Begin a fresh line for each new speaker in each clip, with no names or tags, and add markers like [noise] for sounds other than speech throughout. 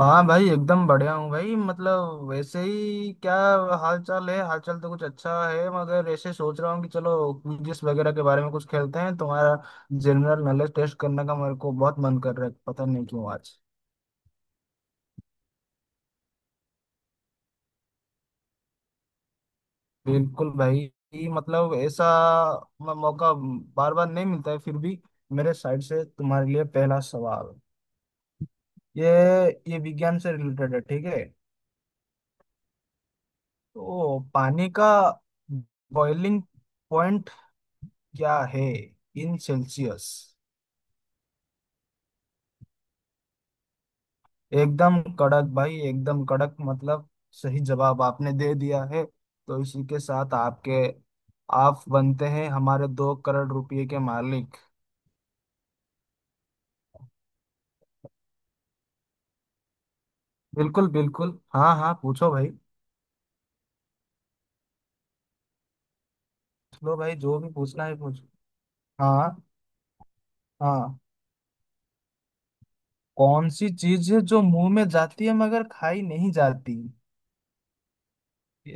हाँ भाई एकदम बढ़िया हूँ भाई मतलब वैसे ही क्या हाल चाल है। हाल चाल तो कुछ अच्छा है मगर ऐसे सोच रहा हूँ कि चलो क्विज़ वगैरह के बारे में कुछ खेलते हैं। तुम्हारा जनरल नॉलेज टेस्ट करने का मेरे को बहुत मन कर रहा है, पता नहीं क्यों आज। बिल्कुल भाई, मतलब ऐसा मौका बार बार नहीं मिलता है फिर भी। मेरे साइड से तुम्हारे लिए पहला सवाल। ये ये विज्ञान से रिलेटेड है, ठीक है। तो पानी का बॉइलिंग पॉइंट क्या है इन सेल्सियस? एकदम कड़क भाई, एकदम कड़क, मतलब सही जवाब आपने दे दिया है। तो इसी के साथ आपके आप बनते हैं हमारे 2 करोड़ रुपए के मालिक। बिल्कुल बिल्कुल, हाँ हाँ, पूछो भाई। लो भाई, जो भी पूछना है पूछो। हाँ हाँ। कौन सी चीज है जो मुंह में जाती है मगर खाई नहीं जाती?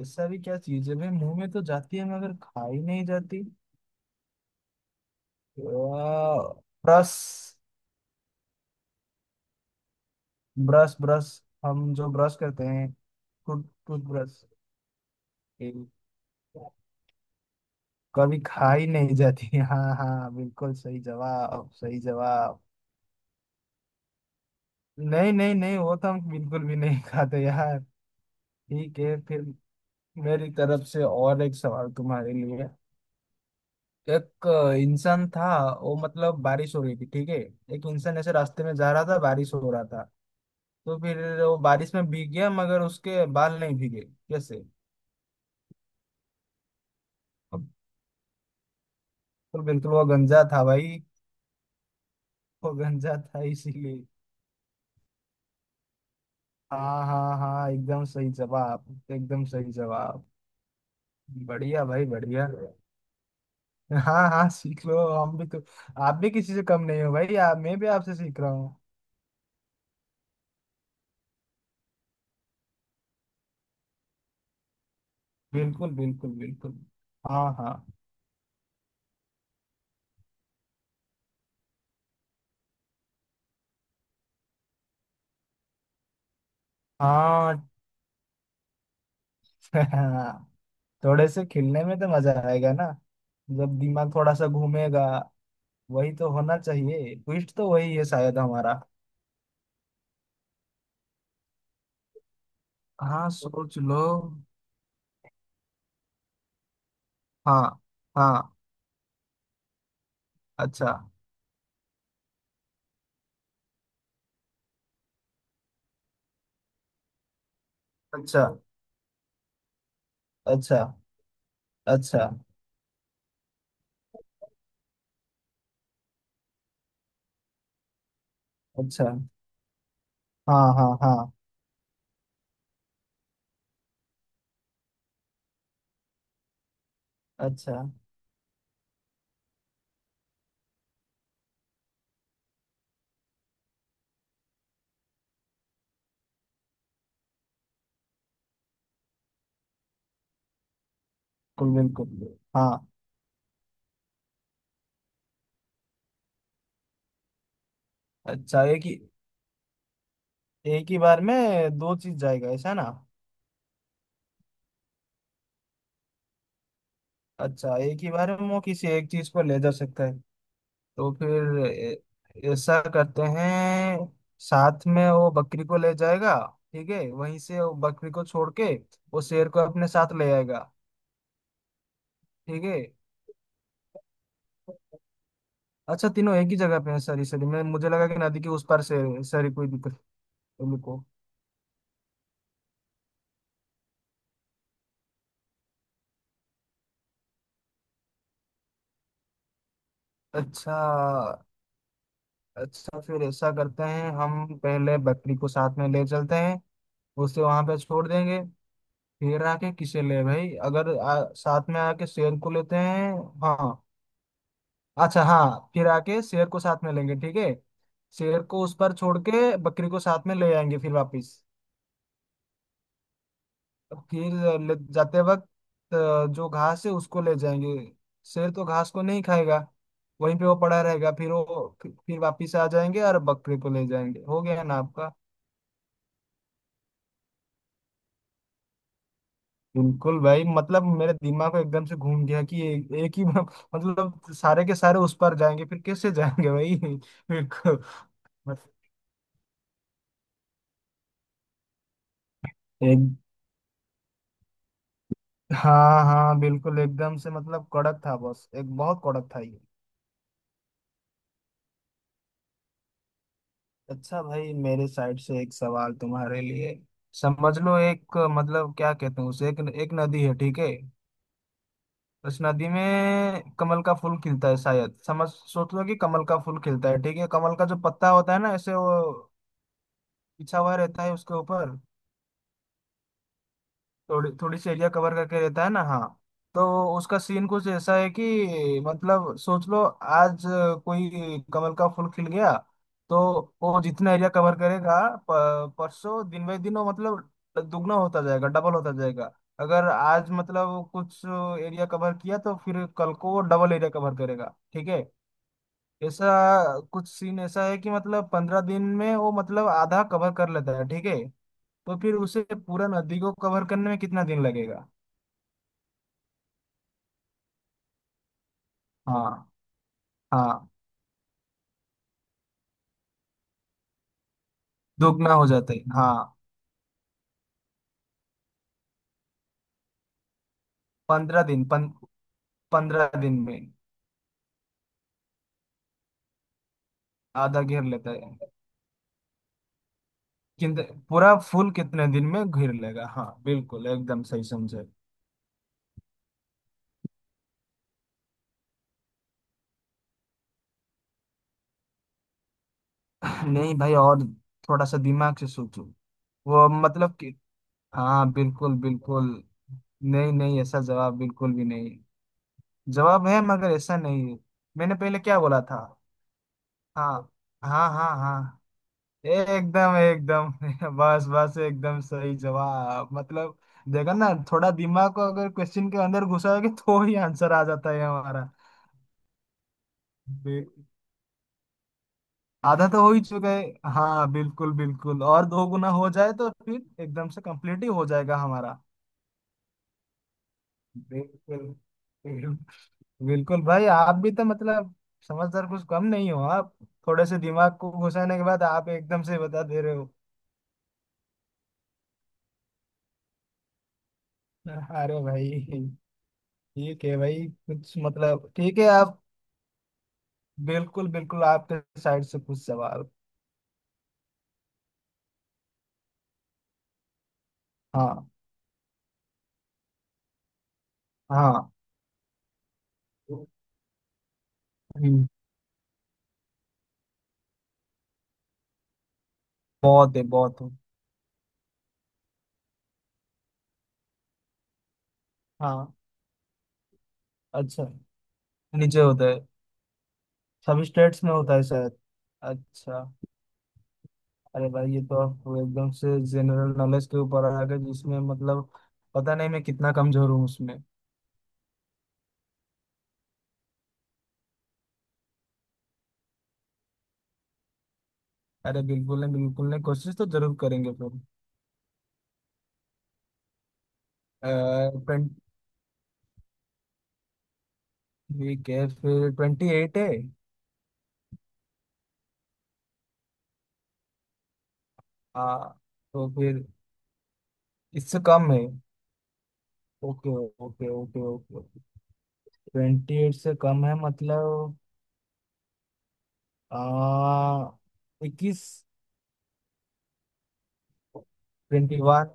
ऐसा भी क्या चीज है भाई, मुंह में तो जाती है मगर खाई नहीं जाती? आ, रस? Brush brush. हम जो ब्रश करते हैं। टूथब्रश। कभी खाई नहीं जाती। [laughs] हाँ हाँ, बिल्कुल सही जवाब, सही जवाब। नहीं नहीं नहीं, वो तो हम बिल्कुल भी नहीं खाते यार। ठीक है, फिर मेरी तरफ से और एक सवाल तुम्हारे लिए। एक इंसान था, वो, मतलब बारिश हो रही थी, ठीक है। एक इंसान ऐसे रास्ते में जा रहा था, बारिश हो रहा था, तो फिर वो बारिश में भीग गया मगर उसके बाल नहीं भीगे। कैसे? अब तो बिल्कुल, वो गंजा था भाई। वो गंजा था इसीलिए। हाँ हाँ हाँ, एकदम सही जवाब, एकदम सही जवाब। बढ़िया भाई, बढ़िया। हाँ हाँ, सीख लो, हम भी तो आप भी किसी से कम नहीं हो भाई, आप, मैं भी आपसे सीख रहा हूँ। बिल्कुल बिल्कुल बिल्कुल, हाँ हाँ हाँ। [laughs] थोड़े से खेलने में तो मजा आएगा ना, जब दिमाग थोड़ा सा घूमेगा। वही तो होना चाहिए, ट्विस्ट तो वही है शायद हमारा। हाँ, सोच लो। हाँ हाँ। अच्छा, अच्छा, अच्छा, अच्छा, अच्छा। हाँ हाँ हाँ। अच्छा। बिल्कुल बिल्कुल, हाँ। अच्छा, एक ही, एक ही बार में दो चीज जाएगा, ऐसा ना? अच्छा, एक ही बार में वो किसी एक चीज को ले जा सकता है। तो फिर ऐसा करते हैं, साथ में वो बकरी को ले जाएगा। ठीक है, वहीं से वो बकरी को छोड़ के वो शेर को अपने साथ ले आएगा। ठीक है। अच्छा, तीनों एक ही जगह पे हैं, सॉरी सॉरी, मैं, मुझे लगा कि नदी के उस पार से, सॉरी, कोई दिक्कत को। अच्छा, अच्छा, फिर ऐसा करते हैं, हम पहले बकरी को साथ में ले चलते हैं। उसे वहां पे छोड़ देंगे। फिर आके किसे ले भाई, अगर साथ में आके शेर को लेते हैं। हाँ। अच्छा, हाँ, फिर आके शेर को साथ में लेंगे, ठीक है। शेर को उस पर छोड़ के बकरी को साथ में ले आएंगे फिर वापस। फिर ले जाते वक्त जो घास है उसको ले जाएंगे। शेर तो घास को नहीं खाएगा। वहीं पे वो पड़ा रहेगा, फिर वो फिर वापिस आ जाएंगे और बकरी को ले जाएंगे। हो गया ना आपका। बिल्कुल भाई, मतलब मेरे दिमाग में एकदम से घूम गया कि एक ही मतलब सारे के सारे उस पार जाएंगे, फिर कैसे जाएंगे भाई। [laughs] बिल्कुल मत- एक, हाँ हाँ, बिल्कुल एकदम से, मतलब कड़क था बस, एक बहुत कड़क था ये। अच्छा भाई, मेरे साइड से एक सवाल तुम्हारे लिए। समझ लो एक, मतलब क्या कहते हैं उसे, एक एक नदी है, ठीक है। उस नदी में कमल का फूल खिलता है शायद, समझ, सोच लो कि कमल का फूल खिलता है, ठीक है। कमल का जो पत्ता होता है ना, ऐसे वो बिछा हुआ रहता है उसके ऊपर। थोड़ी थोड़ी सी एरिया कवर करके रहता है ना। हाँ। तो उसका सीन कुछ ऐसा है कि मतलब सोच लो, आज कोई कमल का फूल खिल गया, तो वो जितना एरिया कवर करेगा परसों, दिन बाई दिन वो, मतलब दुगना होता जाएगा, डबल होता जाएगा। अगर आज मतलब कुछ एरिया कवर किया तो फिर कल को वो डबल एरिया कवर करेगा, ठीक है। ऐसा कुछ सीन ऐसा है कि मतलब 15 दिन में वो, मतलब आधा कवर कर लेता है, ठीक है। तो फिर उसे पूरा नदी को कवर करने में कितना दिन लगेगा? हाँ हाँ, दुगना हो जाता है, हाँ। 15 दिन, पंद्रह दिन में आधा घेर लेता है, किंतु पूरा फूल कितने दिन में घेर लेगा? हाँ बिल्कुल, एकदम सही समझे। नहीं भाई, और थोड़ा सा दिमाग से सोचो। वो मतलब कि, हाँ बिल्कुल बिल्कुल। नहीं नहीं, ऐसा जवाब बिल्कुल भी नहीं। जवाब है मगर ऐसा नहीं है। मैंने पहले क्या बोला था? हाँ हाँ हाँ हाँ, एकदम एकदम। [laughs] बस बस, एकदम सही जवाब, मतलब देखा ना, थोड़ा दिमाग को अगर क्वेश्चन के अंदर घुसाओगे तो ही आंसर आ जाता है हमारा। बे- आधा तो हो ही चुका है। हाँ बिल्कुल बिल्कुल, और दो गुना हो जाए तो फिर एकदम से कंप्लीट ही हो जाएगा हमारा। बिल्कुल। बिल्कुल भाई, आप भी तो मतलब समझदार कुछ कम नहीं हो आप। थोड़े से दिमाग को घुसाने के बाद आप एकदम से बता दे रहे हो। [laughs] अरे भाई, ठीक है भाई, कुछ मतलब, ठीक है आप। बिल्कुल बिल्कुल, आपके साइड से कुछ सवाल। हाँ हाँ। हम्म, बहुत है, बहुत है। हाँ, अच्छा, नीचे होता है, सब स्टेट्स में होता है शायद। अच्छा, अरे भाई, ये तो आप एकदम से जनरल नॉलेज के ऊपर आ गए, जिसमें मतलब पता नहीं मैं कितना कमजोर हूँ उसमें। अरे बिल्कुल नहीं, बिल्कुल नहीं, कोशिश तो जरूर करेंगे फिर। 20। ठीक है, फिर 28 है। हाँ, तो फिर? इससे कम है। Okay okay okay, okay, twenty eight से कम है मतलब आ, 21, 21।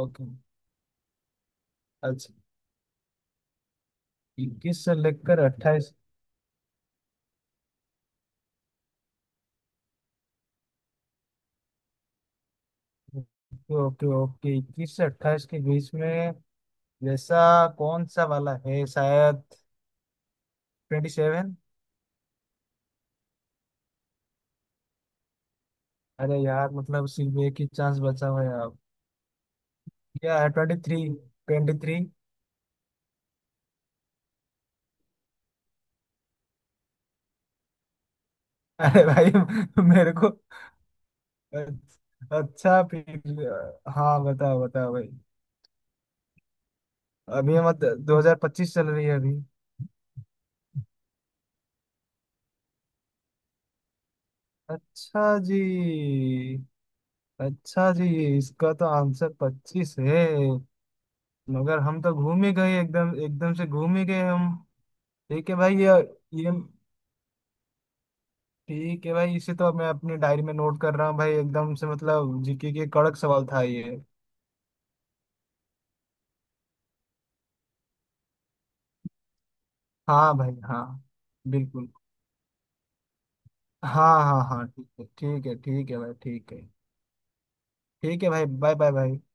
ओके, अच्छा, 21 से लेकर 28। ओके ओके ओके, 21 से 28 के बीच में, जैसा कौन सा वाला है शायद, 27। अरे यार, मतलब सिर्फ एक ही चांस बचा हुआ है अब। क्या है? 23, 23। अरे भाई, मेरे को। अच्छा, फिर हाँ, बताओ बताओ भाई, अभी मत, 2025 चल रही है अभी। अच्छा जी, अच्छा जी, इसका तो आंसर 25 है, मगर हम तो घूम ही गए, एकदम एकदम से घूम ही गए हम। ठीक है भाई, ये, ठीक है भाई, इसे तो मैं अपनी डायरी में नोट कर रहा हूँ भाई, एकदम से मतलब जीके के कड़क सवाल था ये। हाँ भाई, हाँ, बिल्कुल, हाँ हाँ हाँ, ठीक है ठीक है ठीक है भाई, ठीक है। ठीक है भाई, बाय, बाय भाई।